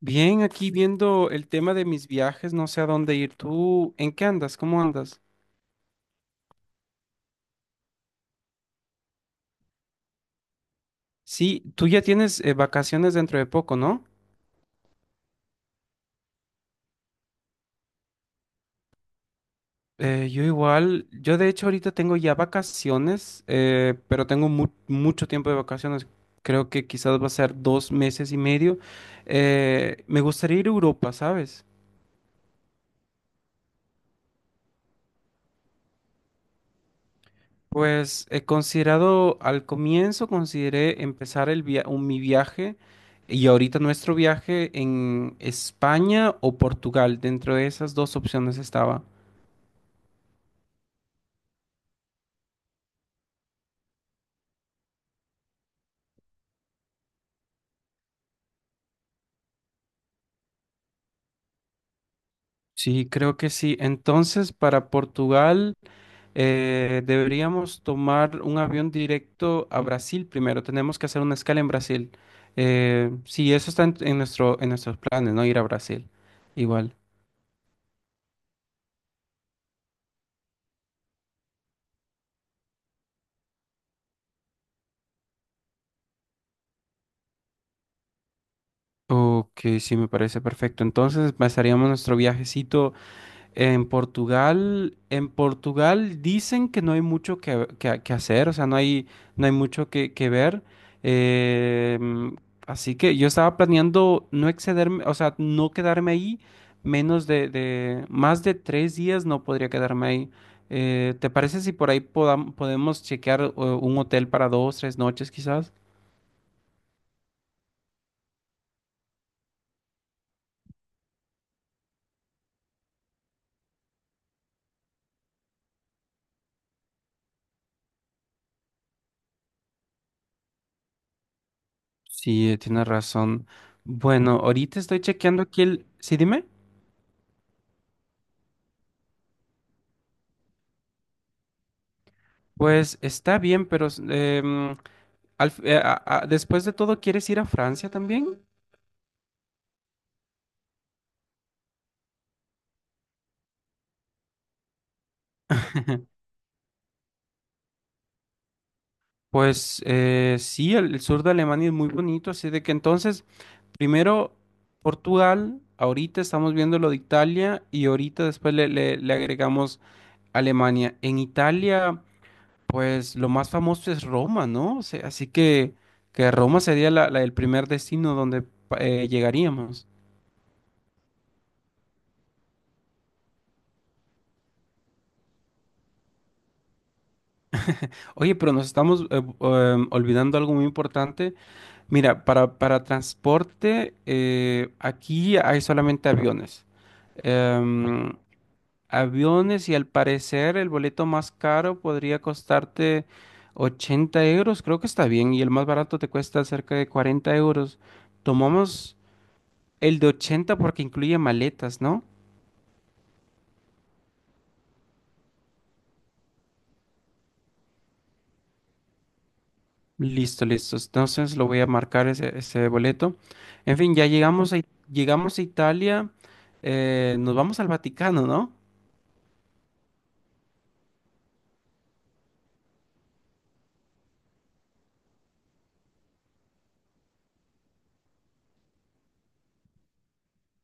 Bien, aquí viendo el tema de mis viajes, no sé a dónde ir. ¿Tú en qué andas? ¿Cómo andas? Sí, tú ya tienes vacaciones dentro de poco, ¿no? Yo igual, yo de hecho ahorita tengo ya vacaciones, pero tengo mucho tiempo de vacaciones. Creo que quizás va a ser 2 meses y medio. Me gustaría ir a Europa, ¿sabes? Pues he considerado, al comienzo consideré empezar mi viaje y ahorita nuestro viaje en España o Portugal. Dentro de esas dos opciones estaba. Sí, creo que sí. Entonces, para Portugal deberíamos tomar un avión directo a Brasil primero. Tenemos que hacer una escala en Brasil. Sí, eso está en nuestros planes, ¿no? Ir a Brasil. Igual. Ok, sí, me parece perfecto. Entonces, empezaríamos nuestro viajecito. En Portugal dicen que no hay mucho que hacer, o sea, no hay mucho que ver. Eh, mm, así que yo estaba planeando no excederme, o sea, no quedarme ahí más de 3 días no podría quedarme ahí. ¿Te parece si por ahí podemos chequear un hotel para 2, 3 noches quizás? Sí, tienes razón. Bueno, ahorita estoy chequeando aquí el. Sí, dime. Pues está bien, pero em, Al fi- a- después de todo, ¿quieres ir a Francia también? Pues sí, el sur de Alemania es muy bonito, así de que entonces, primero Portugal, ahorita estamos viendo lo de Italia y ahorita después le agregamos Alemania. En Italia, pues lo más famoso es Roma, ¿no? O sea, así que Roma sería el primer destino donde llegaríamos. Oye, pero nos estamos olvidando algo muy importante. Mira, para transporte, aquí hay solamente aviones. Em, aviones y al parecer el boleto más caro podría costarte 80 euros, creo que está bien, y el más barato te cuesta cerca de 40 euros. Tomamos el de 80 porque incluye maletas, ¿no? Listo, listo. Entonces lo voy a marcar ese boleto. En fin, ya llegamos a Italia, nos vamos al Vaticano, ¿no?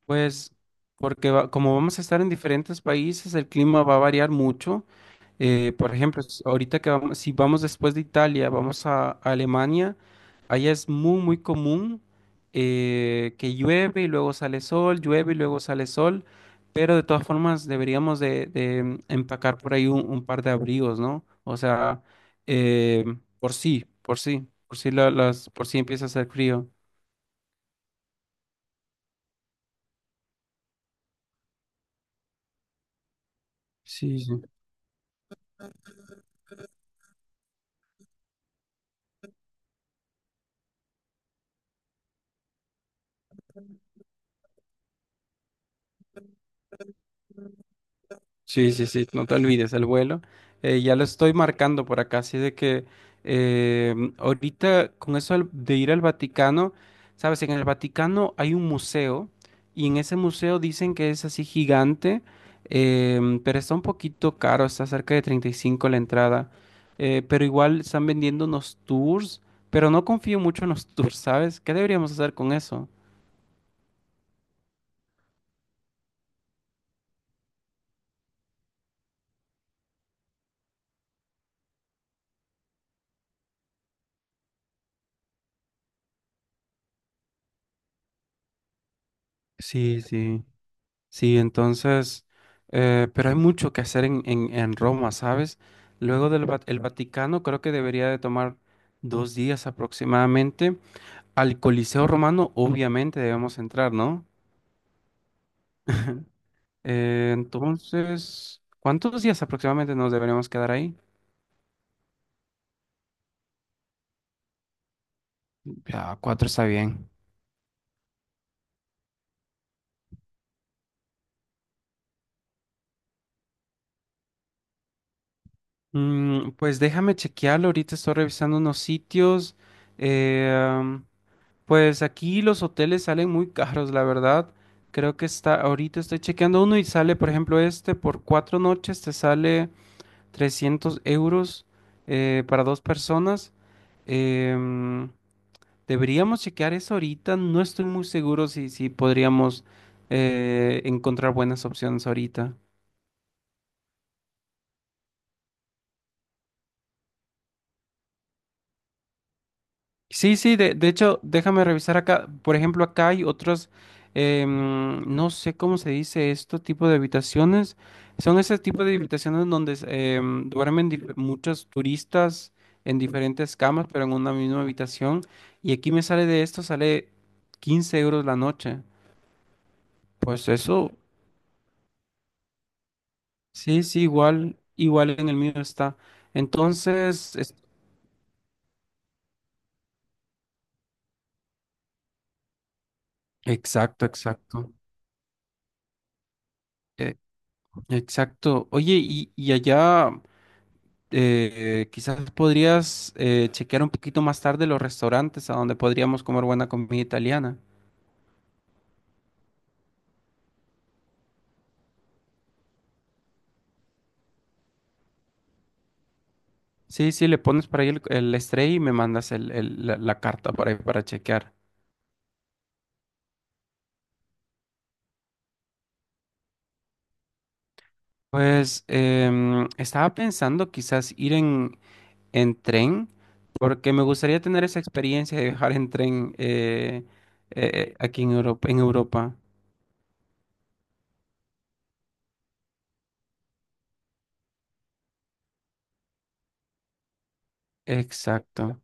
Pues porque como vamos a estar en diferentes países, el clima va a variar mucho. Por ejemplo, ahorita que vamos, si vamos después de Italia, vamos a Alemania. Allá es muy, muy común que llueve y luego sale sol, llueve y luego sale sol, pero de todas formas deberíamos de empacar por ahí un par de abrigos, ¿no? O sea, eh, por sí empieza a hacer frío. Sí. Sí, sí, sí, no te olvides el vuelo. Ya lo estoy marcando por acá, así de que ahorita con eso de ir al Vaticano, sabes, en el Vaticano hay un museo y en ese museo dicen que es así gigante, pero está un poquito caro, está cerca de 35 la entrada, pero igual están vendiendo unos tours, pero no confío mucho en los tours, ¿sabes? ¿Qué deberíamos hacer con eso? Sí, sí. Sí, entonces, pero hay mucho que hacer en Roma, ¿sabes? Luego el Vaticano, creo que debería de tomar 2 días aproximadamente. Al Coliseo Romano, obviamente, debemos entrar, ¿no? Entonces, ¿cuántos días aproximadamente nos deberíamos quedar ahí? Ya, cuatro está bien. Pues déjame chequearlo. Ahorita estoy revisando unos sitios. Eh, Pues aquí los hoteles salen muy caros, la verdad. Creo que está, ahorita estoy chequeando uno y sale, por ejemplo, este por 4 noches te sale 300 euros para dos personas. Em, deberíamos chequear eso ahorita. No estoy muy seguro si podríamos encontrar buenas opciones ahorita. Sí, sí, de hecho, déjame revisar acá. Por ejemplo, acá hay otros, no sé cómo se dice esto, tipo de habitaciones. Son ese tipo de habitaciones donde duermen muchos turistas en diferentes camas, pero en una misma habitación. Y aquí me sale de esto, sale 15 euros la noche. Pues eso, sí, sí, igual, igual en el mío está. Entonces, exacto, exacto. eh, exacto. Oye, y allá. Quizás podrías chequear un poquito más tarde los restaurantes a donde podríamos comer buena comida italiana. Sí, sí, le pones para ahí el estrella y me mandas la carta ahí para chequear. Pues estaba pensando quizás ir en tren, porque me gustaría tener esa experiencia de viajar en tren aquí en Europa. Exacto.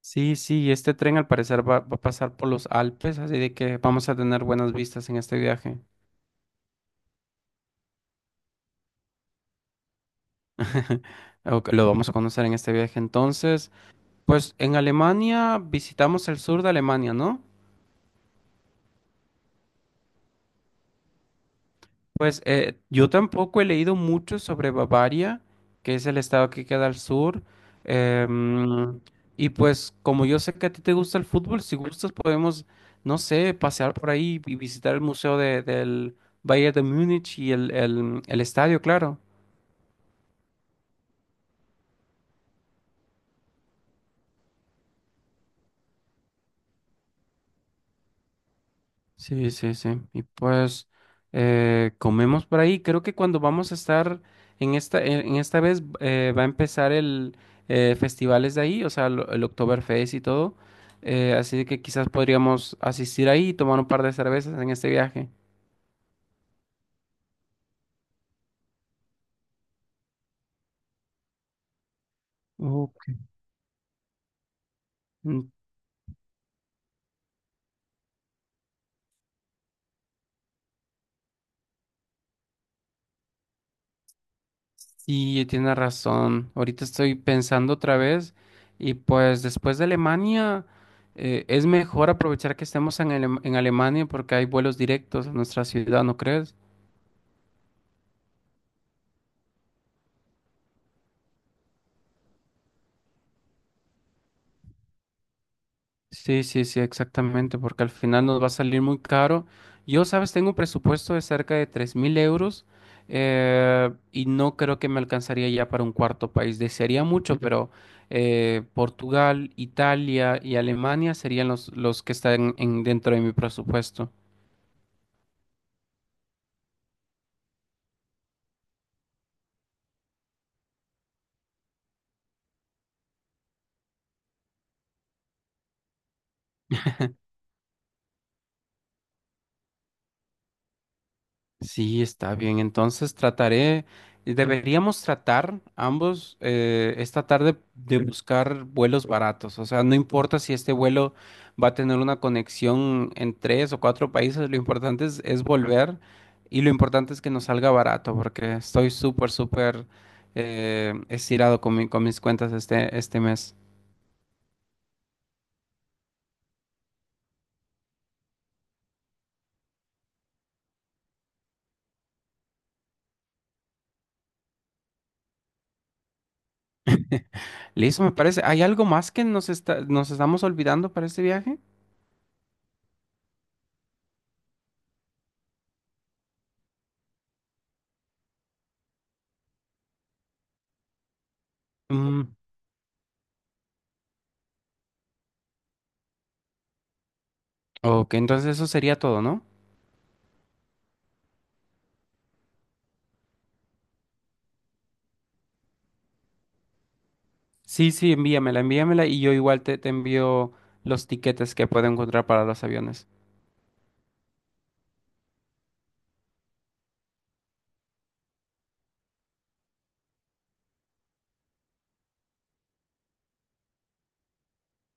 Sí, sí, y este tren al parecer va a pasar por los Alpes, así de que vamos a tener buenas vistas en este viaje. Ok, lo vamos a conocer en este viaje entonces. Pues en Alemania visitamos el sur de Alemania, ¿no? Pues yo tampoco he leído mucho sobre Bavaria, que es el estado que queda al sur. Em, y pues como yo sé que a ti te gusta el fútbol, si gustas podemos, no sé, pasear por ahí y visitar el museo del Bayern de Múnich y el estadio, claro. Sí, sí, sí. Y pues comemos por ahí. Creo que cuando vamos a estar en esta vez va a empezar el festivales de ahí, o sea, el Oktoberfest y todo. Así de que quizás podríamos asistir ahí y tomar un par de cervezas en este viaje. Ok. Mm, sí, tiene razón. Ahorita estoy pensando otra vez y pues después de Alemania es mejor aprovechar que estemos en Alemania porque hay vuelos directos a nuestra ciudad, ¿no crees? Sí, sí, sí, exactamente, porque al final nos va a salir muy caro. Yo, sabes, tengo un presupuesto de cerca de 3.000 euros y no creo que me alcanzaría ya para un cuarto país. Desearía mucho, pero Portugal, Italia y Alemania serían los que están dentro de mi presupuesto. Sí, está bien. Entonces trataré, deberíamos tratar ambos esta tarde de buscar vuelos baratos. O sea, no importa si este vuelo va a tener una conexión en tres o cuatro países, lo importante es volver y lo importante es que nos salga barato porque estoy súper, súper estirado con con mis cuentas este mes. Listo, me parece. ¿Hay algo más que nos estamos olvidando para este viaje? Mm, ok, entonces eso sería todo, ¿no? Sí, sí, envíamela, envíamela y yo igual te envío los tiquetes que puedo encontrar para los aviones.